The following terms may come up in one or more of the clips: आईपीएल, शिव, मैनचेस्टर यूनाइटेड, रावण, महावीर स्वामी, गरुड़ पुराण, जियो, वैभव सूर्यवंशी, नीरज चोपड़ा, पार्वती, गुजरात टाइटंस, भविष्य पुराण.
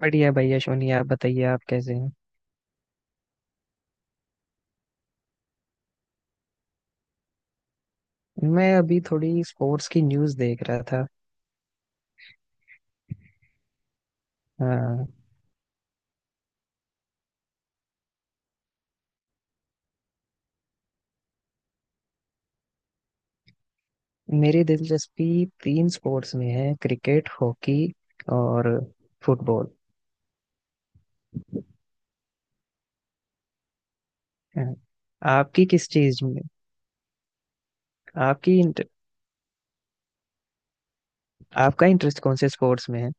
बढ़िया भैया सोनी, आप बताइए आप कैसे हैं। मैं अभी थोड़ी स्पोर्ट्स की न्यूज़ देख रहा था। हाँ, मेरी दिलचस्पी तीन स्पोर्ट्स में है। क्रिकेट, हॉकी और फुटबॉल। हाँ, आपकी किस चीज़ में? आपकी इंट- आपका इंटरेस्ट कौन से स्पोर्ट्स में है?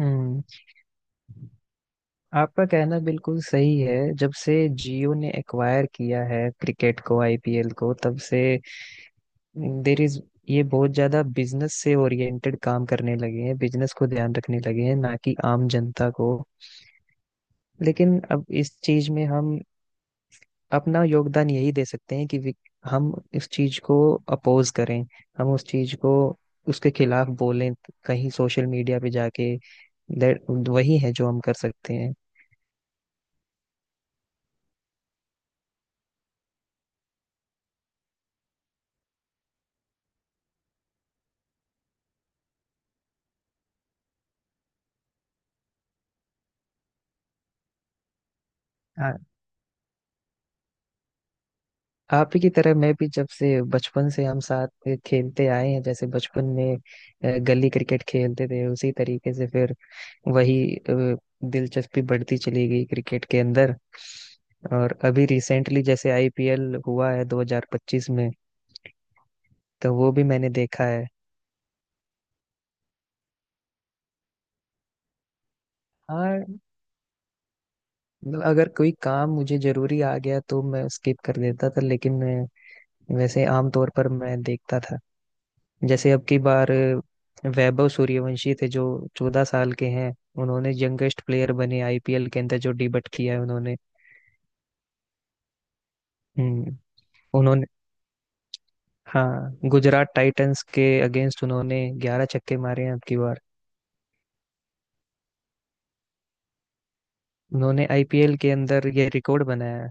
हम्म, आपका कहना बिल्कुल सही है। जब से जियो ने एक्वायर किया है क्रिकेट को, आईपीएल को, तब से देर इज, ये बहुत ज्यादा बिजनेस से ओरिएंटेड काम करने लगे हैं, बिजनेस को ध्यान रखने लगे हैं, ना कि आम जनता को। लेकिन अब इस चीज में हम अपना योगदान यही दे सकते हैं कि हम इस चीज को अपोज करें। हम उस चीज को, उसके खिलाफ बोलें कहीं सोशल मीडिया पे जाके। वही है जो हम कर सकते हैं। आ- आप ही की तरह मैं भी, जब से बचपन से हम साथ खेलते आए हैं, जैसे बचपन में गली क्रिकेट खेलते थे, उसी तरीके से फिर वही, दिलचस्पी बढ़ती चली गई क्रिकेट के अंदर। और अभी रिसेंटली जैसे आईपीएल हुआ है 2025 में, तो वो भी मैंने देखा है। हाँ, मतलब अगर कोई काम मुझे जरूरी आ गया तो मैं स्किप कर देता था, लेकिन मैं वैसे आमतौर पर मैं देखता था। जैसे अब की बार वैभव सूर्यवंशी थे, जो 14 साल के हैं। उन्होंने यंगेस्ट प्लेयर बने आईपीएल के अंदर जो डिबट किया है उन्होंने। हम्म, उन्होंने, हाँ, गुजरात टाइटंस के अगेंस्ट उन्होंने 11 छक्के मारे हैं अब की बार। उन्होंने आईपीएल के अंदर ये रिकॉर्ड बनाया है।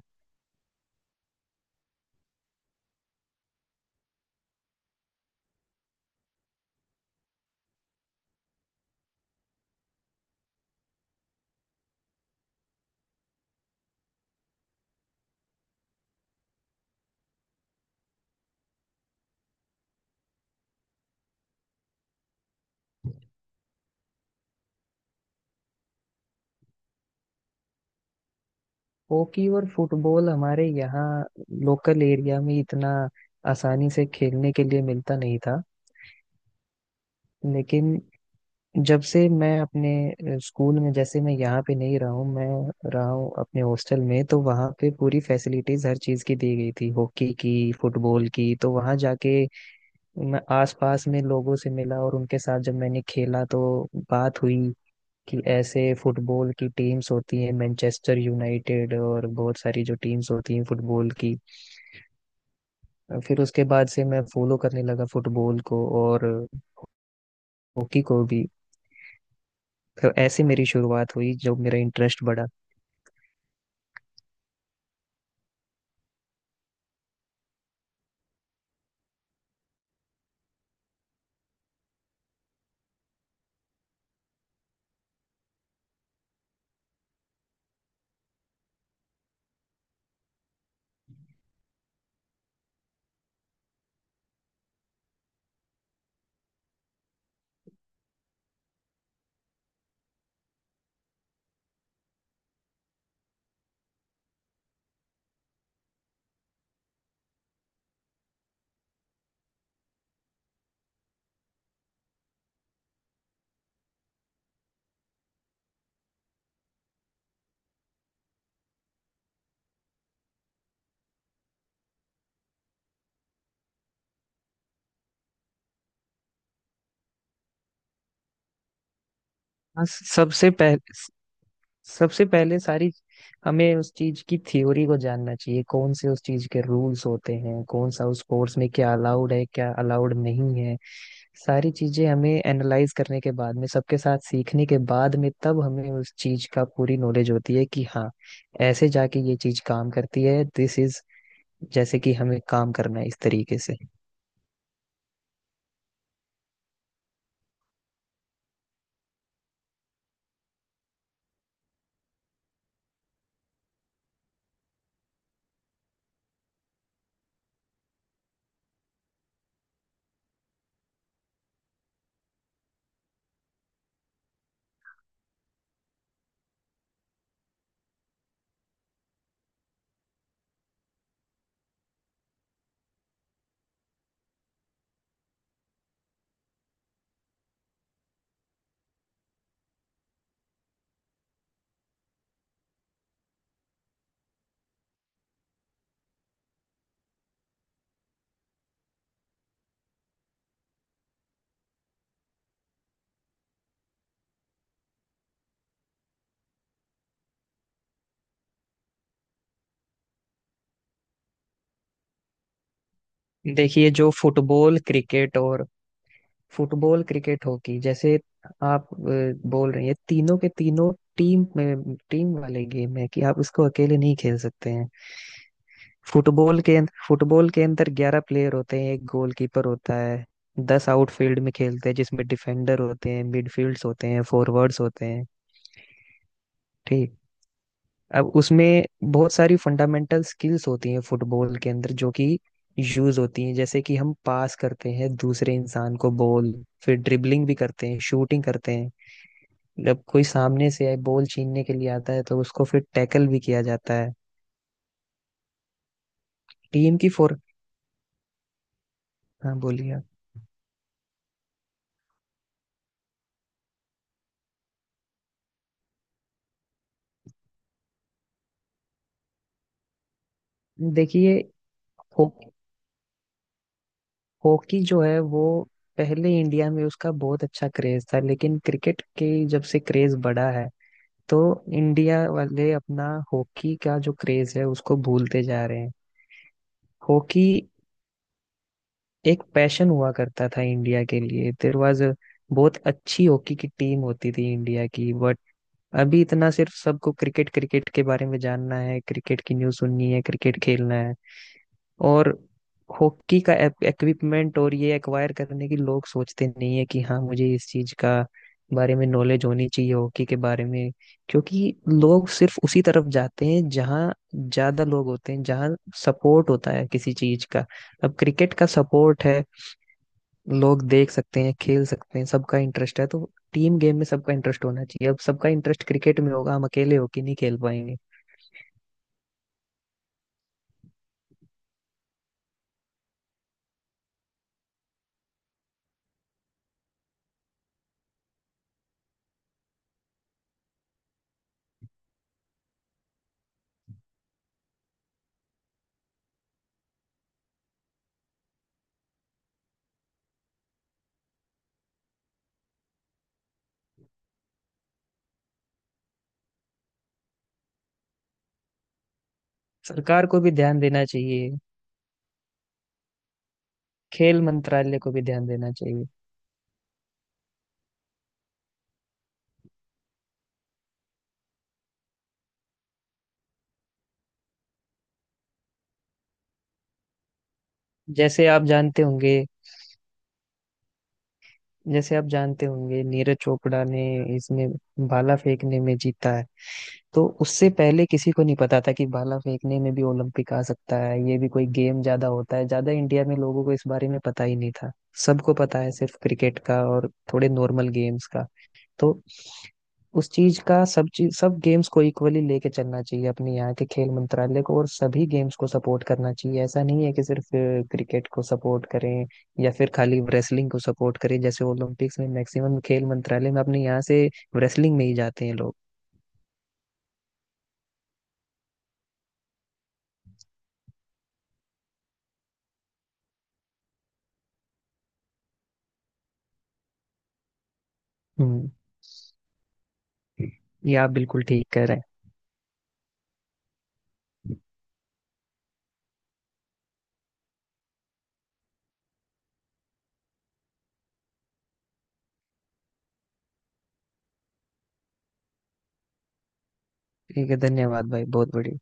हॉकी और फुटबॉल हमारे यहाँ लोकल एरिया में इतना आसानी से खेलने के लिए मिलता नहीं था। लेकिन जब से मैं अपने स्कूल में, जैसे मैं यहाँ पे नहीं रहा हूँ, मैं रहा हूँ अपने हॉस्टल में, तो वहाँ पे पूरी फैसिलिटीज हर चीज़ की दी गई थी, हॉकी की, फुटबॉल की। तो वहाँ जाके मैं आसपास में लोगों से मिला, और उनके साथ जब मैंने खेला तो बात हुई कि ऐसे फुटबॉल की टीम्स होती हैं, मैनचेस्टर यूनाइटेड और बहुत सारी जो टीम्स होती हैं फुटबॉल की। फिर उसके बाद से मैं फॉलो करने लगा फुटबॉल को और हॉकी को भी। तो ऐसे मेरी शुरुआत हुई जब मेरा इंटरेस्ट बढ़ा। हाँ, सबसे पहले, सबसे पहले सारी, हमें उस चीज की थ्योरी को जानना चाहिए, कौन से उस चीज के रूल्स होते हैं, कौन सा उस कोर्स में क्या अलाउड है, क्या अलाउड नहीं है। सारी चीजें हमें एनालाइज करने के बाद में, सबके साथ सीखने के बाद में, तब हमें उस चीज का पूरी नॉलेज होती है कि हाँ, ऐसे जाके ये चीज काम करती है। दिस इज, जैसे कि हमें काम करना है इस तरीके से। देखिए, जो फुटबॉल क्रिकेट और फुटबॉल क्रिकेट हॉकी, जैसे आप बोल रही हैं, तीनों के तीनों टीम में, टीम वाले गेम है, कि आप इसको अकेले नहीं खेल सकते हैं। फुटबॉल के फुटबॉल के अंदर 11 प्लेयर होते हैं, एक गोलकीपर होता है। 10 आउटफील्ड में खेलते हैं, जिसमें डिफेंडर होते हैं, मिडफील्ड्स होते हैं, फॉरवर्ड्स होते हैं। ठीक। अब उसमें बहुत सारी फंडामेंटल स्किल्स होती हैं फुटबॉल के अंदर, जो कि यूज होती हैं। जैसे कि हम पास करते हैं दूसरे इंसान को बॉल, फिर ड्रिबलिंग भी करते हैं, शूटिंग करते हैं। जब कोई सामने से आए, बॉल छीनने के लिए आता है, तो उसको फिर टैकल भी किया जाता है। टीम की फोर, हाँ, बोलिए आप। देखिए, हो, हॉकी जो है वो पहले इंडिया में उसका बहुत अच्छा क्रेज था, लेकिन क्रिकेट के, जब से क्रेज बढ़ा है तो इंडिया वाले अपना हॉकी का जो क्रेज है उसको भूलते जा रहे हैं। हॉकी एक पैशन हुआ करता था इंडिया के लिए। देयर वाज, बहुत अच्छी हॉकी की टीम होती थी इंडिया की। अभी इतना सिर्फ सबको क्रिकेट क्रिकेट के बारे में जानना है, क्रिकेट की न्यूज़ सुननी है, क्रिकेट खेलना है। और हॉकी का इक्विपमेंट और ये एक्वायर करने की लोग सोचते नहीं है कि हाँ, मुझे इस चीज का बारे में नॉलेज होनी चाहिए हॉकी के बारे में। क्योंकि लोग सिर्फ उसी तरफ जाते हैं जहाँ ज्यादा लोग होते हैं, जहाँ सपोर्ट होता है किसी चीज का। अब क्रिकेट का सपोर्ट है, लोग देख सकते हैं, खेल सकते हैं, सबका इंटरेस्ट है। तो टीम गेम में सबका इंटरेस्ट होना चाहिए। अब सबका इंटरेस्ट क्रिकेट में होगा, हम अकेले होके नहीं खेल पाएंगे। सरकार को भी ध्यान देना चाहिए। खेल मंत्रालय को भी ध्यान देना चाहिए। जैसे आप जानते होंगे जैसे आप जानते होंगे, नीरज चोपड़ा ने इसमें भाला फेंकने में जीता है। तो उससे पहले किसी को नहीं पता था कि भाला फेंकने में भी ओलंपिक आ सकता है, ये भी कोई गेम ज्यादा होता है। ज्यादा इंडिया में लोगों को इस बारे में पता ही नहीं था। सबको पता है सिर्फ क्रिकेट का और थोड़े नॉर्मल गेम्स का। तो उस चीज का, सब चीज सब गेम्स को इक्वली लेके चलना चाहिए अपने यहाँ के खेल मंत्रालय को, और सभी गेम्स को सपोर्ट करना चाहिए। ऐसा नहीं है कि सिर्फ क्रिकेट को सपोर्ट करें या फिर खाली रेसलिंग को सपोर्ट करें। जैसे ओलंपिक्स में मैक्सिमम खेल मंत्रालय में अपने यहाँ से रेसलिंग में ही जाते हैं लोग। हम्म, ये आप बिल्कुल ठीक कह रहे हैं। ठीक है, धन्यवाद भाई, बहुत बढ़िया।